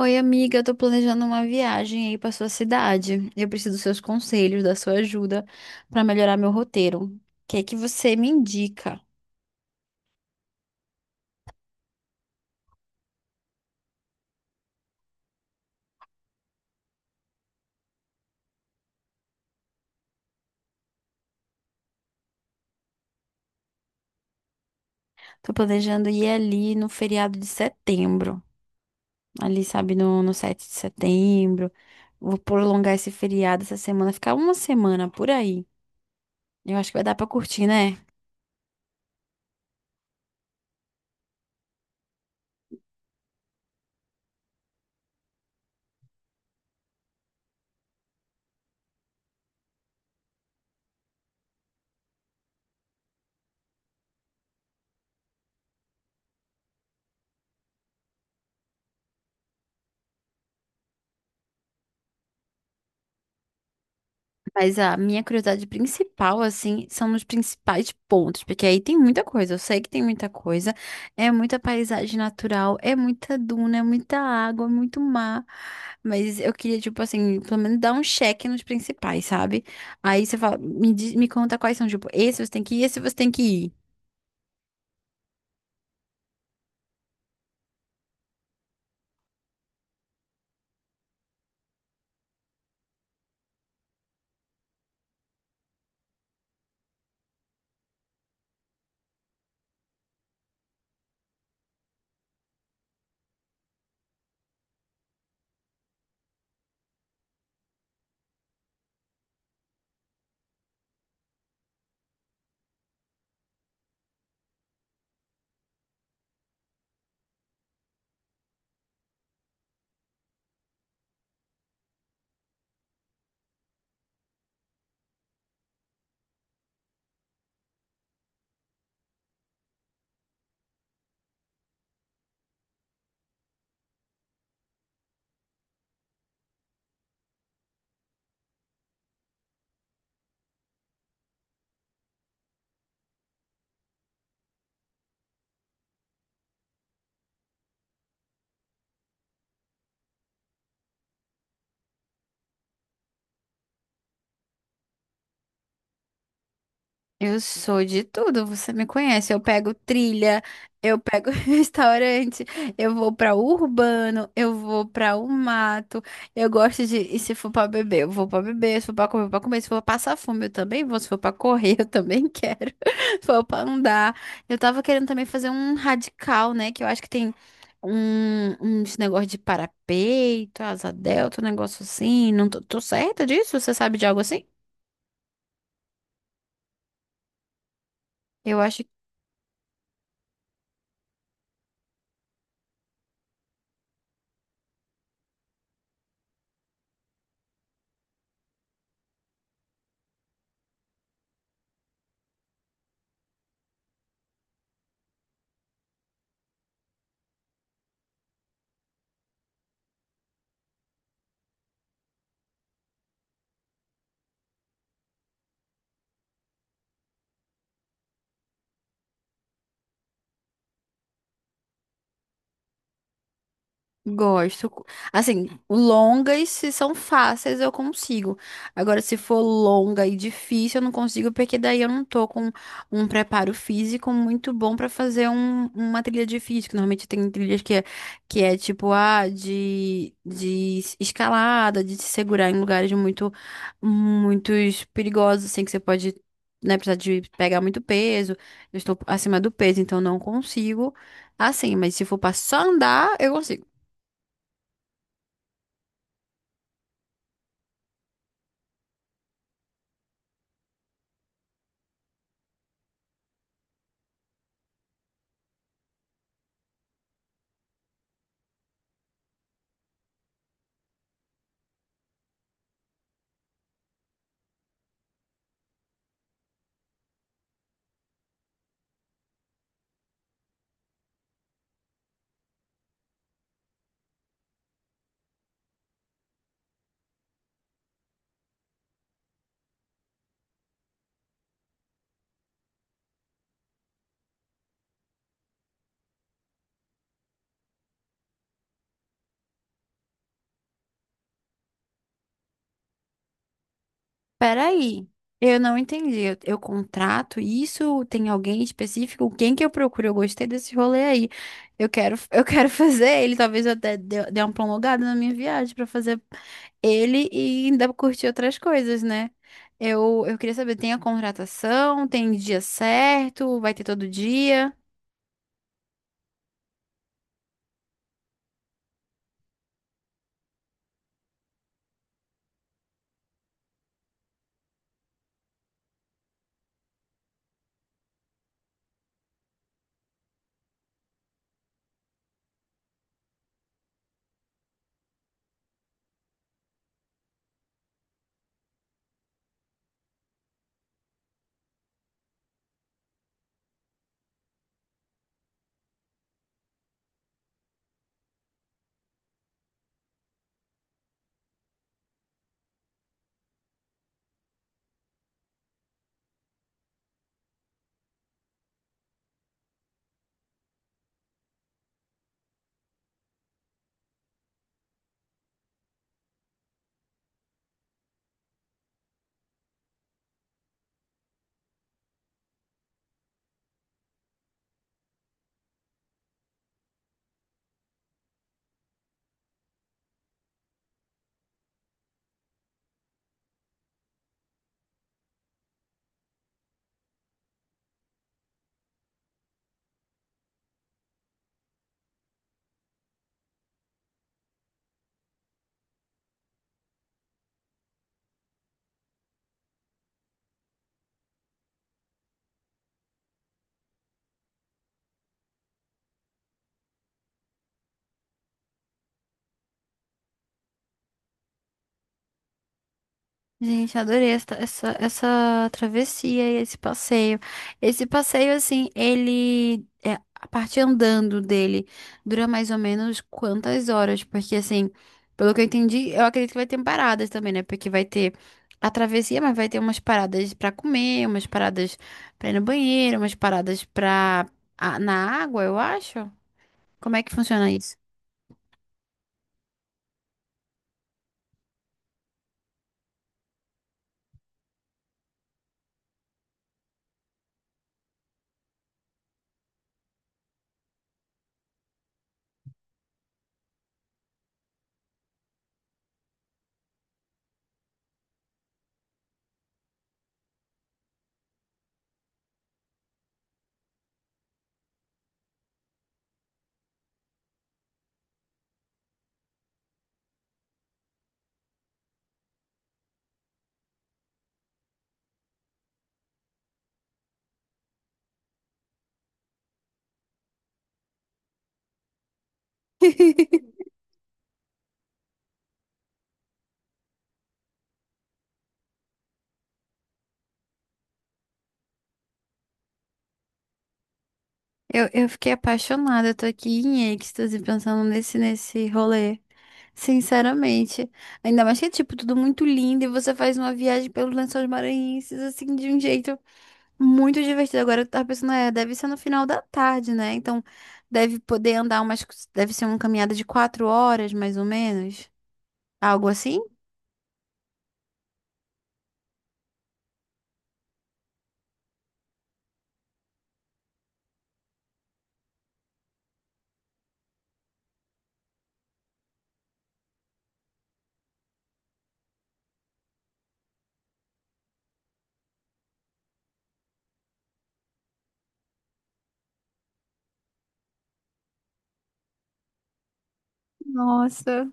Oi, amiga, eu tô planejando uma viagem aí pra sua cidade. Eu preciso dos seus conselhos, da sua ajuda pra melhorar meu roteiro. O que é que você me indica? Tô planejando ir ali no feriado de setembro. Ali, sabe, no 7 de setembro. Vou prolongar esse feriado essa semana, ficar uma semana por aí. Eu acho que vai dar pra curtir, né? Mas a minha curiosidade principal, assim, são os principais pontos, porque aí tem muita coisa, eu sei que tem muita coisa, é muita paisagem natural, é muita duna, é muita água, é muito mar, mas eu queria, tipo assim, pelo menos dar um check nos principais, sabe? Aí você fala, me conta quais são, tipo, esse você tem que ir, esse você tem que ir. Eu sou de tudo, você me conhece. Eu pego trilha, eu pego restaurante, eu vou pra urbano, eu vou pra o mato. Eu gosto de, e se for pra beber, eu vou pra beber, se for pra comer, eu vou pra comer, se for pra passar fome, eu também vou, se for pra correr, eu também quero. Se for pra andar. Eu tava querendo também fazer um radical, né, que eu acho que tem um uns negócio de parapeito, asa delta, um negócio assim. Não tô, tô certa disso? Você sabe de algo assim? Eu acho. Gosto. Assim, longas, se são fáceis, eu consigo. Agora, se for longa e difícil, eu não consigo, porque daí eu não tô com um preparo físico muito bom pra fazer uma trilha difícil. Que Normalmente tem trilhas que é tipo, ah, de escalada, de se segurar em lugares muito, muitos perigosos, assim, que você pode, né, precisar de pegar muito peso. Eu estou acima do peso, então não consigo. Assim, mas se for pra só andar, eu consigo. Peraí, eu não entendi. Eu contrato isso? Tem alguém específico? Quem que eu procuro? Eu gostei desse rolê aí. Eu quero fazer ele. Talvez eu até dê uma prolongada na minha viagem pra fazer ele e ainda curtir outras coisas, né? Eu queria saber, tem a contratação? Tem dia certo? Vai ter todo dia? Gente, adorei essa travessia e esse passeio. Esse passeio, assim, ele. É, a parte andando dele dura mais ou menos quantas horas? Porque, assim, pelo que eu entendi, eu acredito que vai ter paradas também, né? Porque vai ter a travessia, mas vai ter umas paradas pra comer, umas paradas pra ir no banheiro, umas paradas pra. A- na água, eu acho. Como é que funciona isso? Eu fiquei apaixonada, eu tô aqui em êxtase pensando nesse rolê. Sinceramente. Ainda mais que é, tipo, tudo muito lindo e você faz uma viagem pelos Lençóis Maranhenses, assim, de um jeito muito divertido. Agora eu tava pensando, é, deve ser no final da tarde, né? Então, deve poder andar umas, deve ser uma caminhada de 4 horas, mais ou menos. Algo assim? Nossa.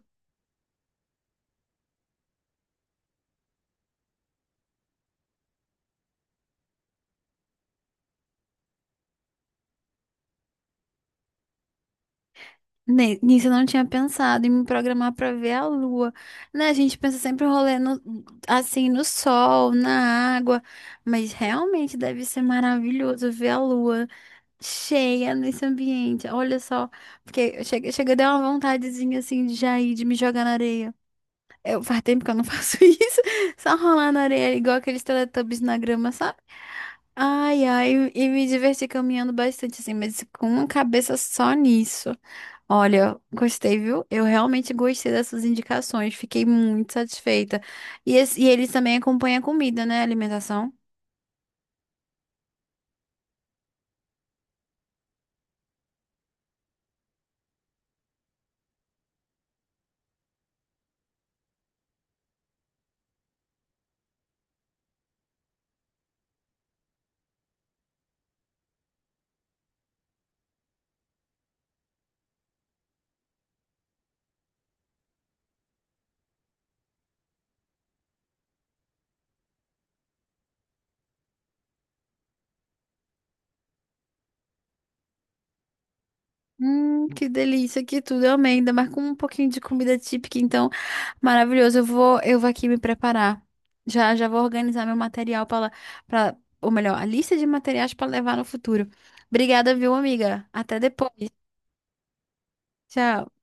Ne- Nisso eu não tinha pensado em me programar pra ver a lua, né? A gente pensa sempre em rolê no, assim no sol, na água, mas realmente deve ser maravilhoso ver a lua cheia nesse ambiente. Olha só, porque chega, chega deu uma vontadezinha assim de já ir, de me jogar na areia. Eu, faz tempo que eu não faço isso, só rolar na areia, igual aqueles Teletubbies na grama, sabe? Ai, ai, e me diverti caminhando bastante assim, mas com uma cabeça só nisso. Olha, gostei, viu? Eu realmente gostei dessas indicações, fiquei muito satisfeita. E, e eles também acompanham a comida, né? A alimentação. Que delícia, que tudo, eu amei, ainda mais com um pouquinho de comida típica, então, maravilhoso, eu vou aqui me preparar, já vou organizar meu material para, para, ou melhor, a lista de materiais para levar no futuro. Obrigada, viu, amiga? Até depois, tchau.